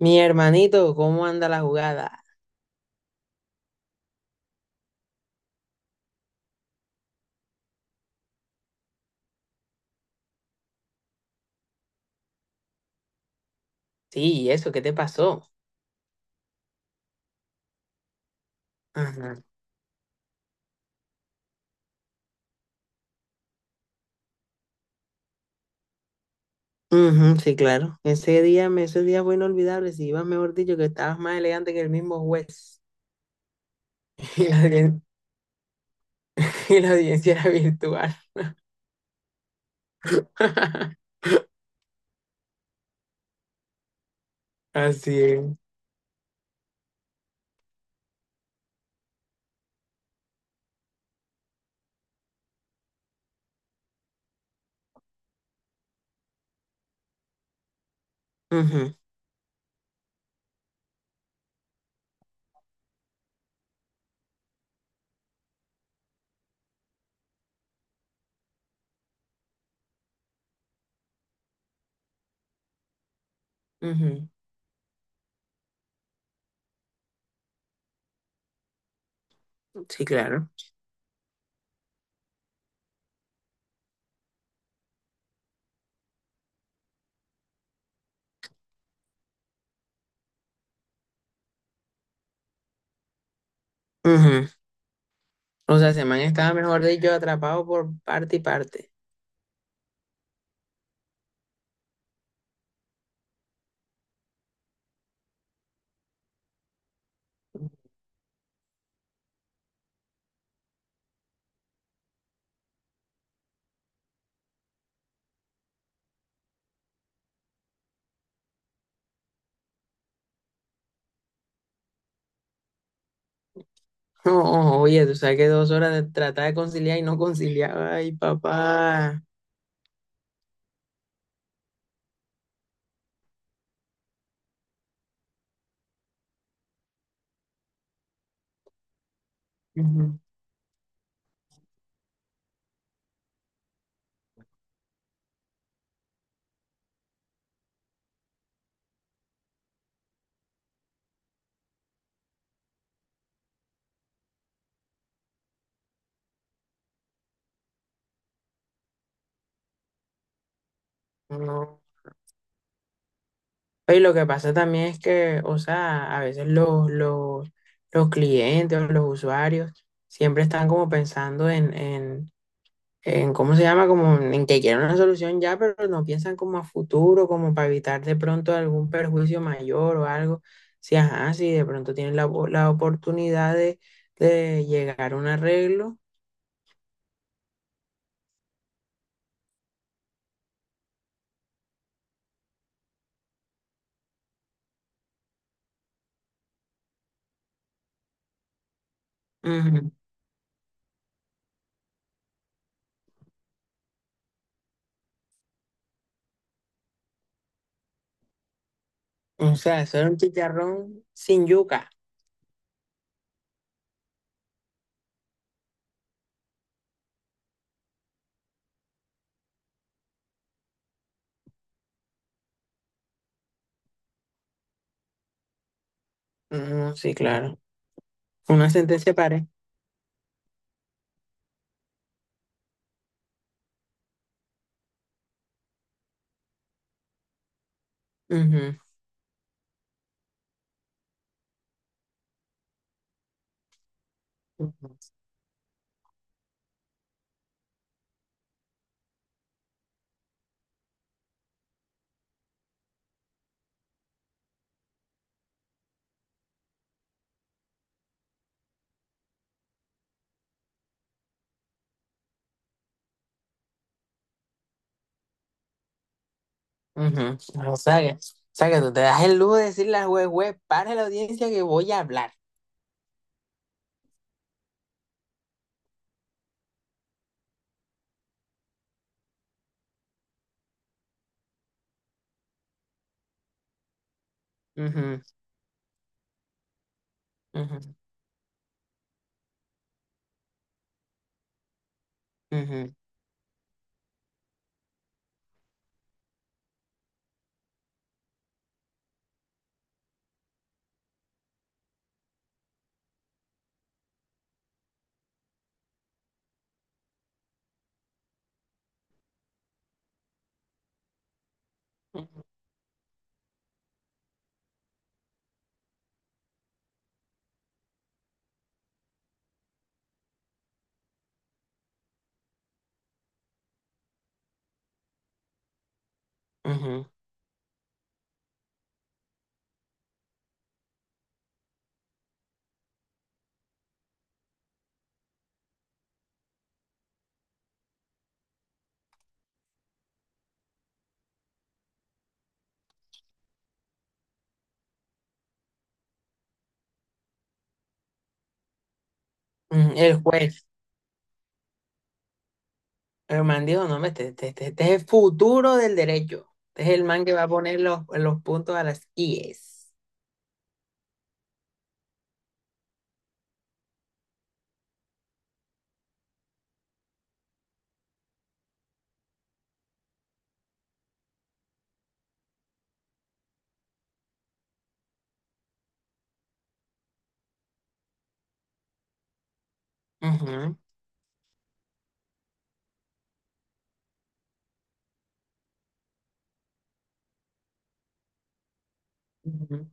Mi hermanito, ¿cómo anda la jugada? Sí, ¿y eso? ¿Qué te pasó? Ajá. Ujú, sí, claro. Ese día, ese día fue inolvidable. Si ibas, mejor dicho, que estabas más elegante que el mismo juez. Y la, audien- y la audiencia era virtual. Así es. Ujú, ujú. Sí, claro. Ujú. O sea, ese man estaba, mejor dicho, atrapado por parte y parte. Oh, oye, tú sabes que dos horas de tratar de conciliar y no conciliaba. Ay, papá. Ujú. No. Y lo que pasa también es que, o sea, a veces los clientes o los usuarios siempre están como pensando en, en ¿cómo se llama? Como en que quieren una solución ya, pero no piensan como a futuro, como para evitar de pronto algún perjuicio mayor o algo. Si, ajá, si de pronto tienen la, la oportunidad de llegar a un arreglo. Ujú. O sea, eso era un chicharrón sin yuca. Ujú, sí, claro. Una sentencia para. Ujú. O sea que tú te das el lujo de decirle al juez, juez, para la audiencia que voy a hablar. Ujú, ujú, ujú, ujú, ujú. El juez, el man dijo, no, hombre, este es el futuro del derecho. Este es el man que va a poner los puntos a las IES. Ujú, ujú,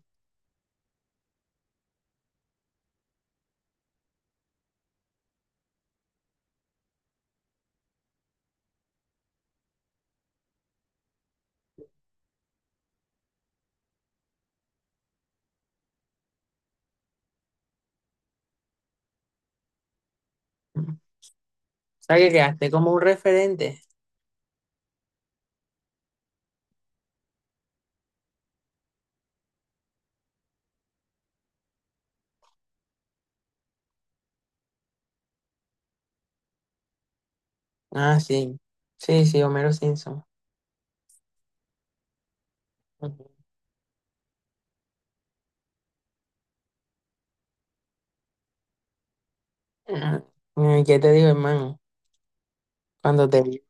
ujú. O sea que quedaste como un referente. Ah, sí. Sí, sí, Homero Simpson. Ujú. Ah, ¿y qué te digo, hermano? Cuando te vi.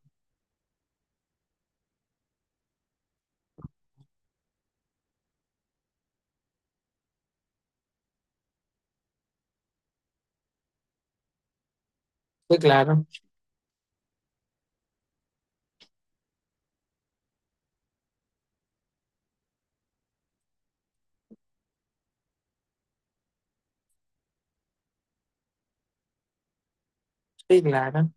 Sí, claro. Sí, claro.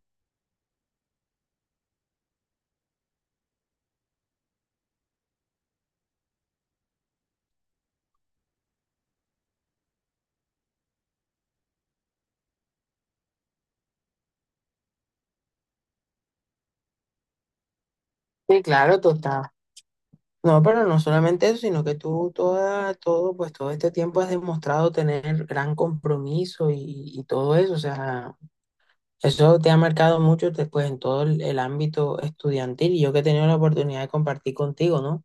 Sí, claro, tú estabas. No, pero no solamente eso, sino que tú toda, todo, pues todo este tiempo has demostrado tener gran compromiso y todo eso, o sea, eso te ha marcado mucho después en todo el ámbito estudiantil y yo que he tenido la oportunidad de compartir contigo, ¿no?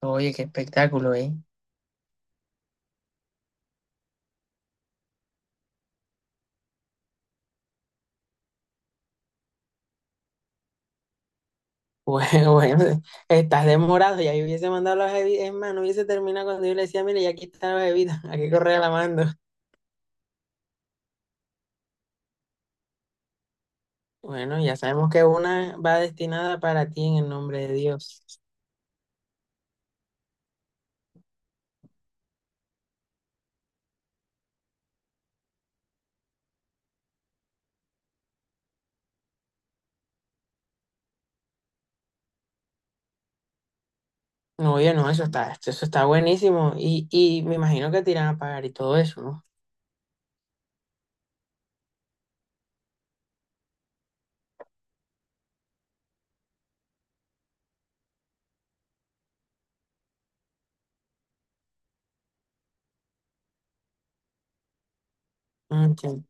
Oye, qué espectáculo, ¿eh? Bueno, bueno, estás demorado, ya yo hubiese mandado las bebidas, es más, no hubiese terminado cuando yo le decía, mire, ya aquí están las bebidas, aquí correa la mando. Bueno, ya sabemos que una va destinada para ti en el nombre de Dios. No, oye, no, eso está buenísimo. Y me imagino que te irán a pagar y todo eso, ¿no? Mm, sí.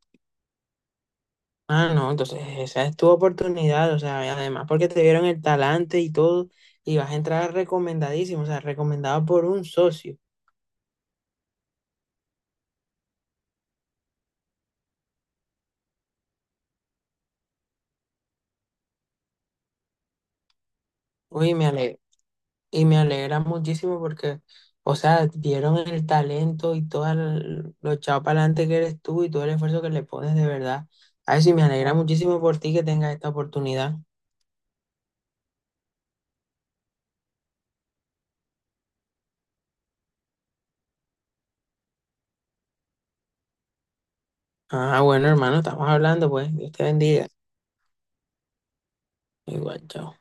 Ah, no, entonces esa es tu oportunidad, o sea, y además porque te vieron el talante y todo, y vas a entrar recomendadísimo, o sea, recomendado por un socio. Uy, y me alegra muchísimo porque, o sea, vieron el talento y todo el- lo echado para adelante que eres tú y todo el esfuerzo que le pones de verdad. Ay, sí, me alegra muchísimo por ti que tengas esta oportunidad. Ah, bueno, hermano, estamos hablando, pues, Dios te bendiga. Igual, chao.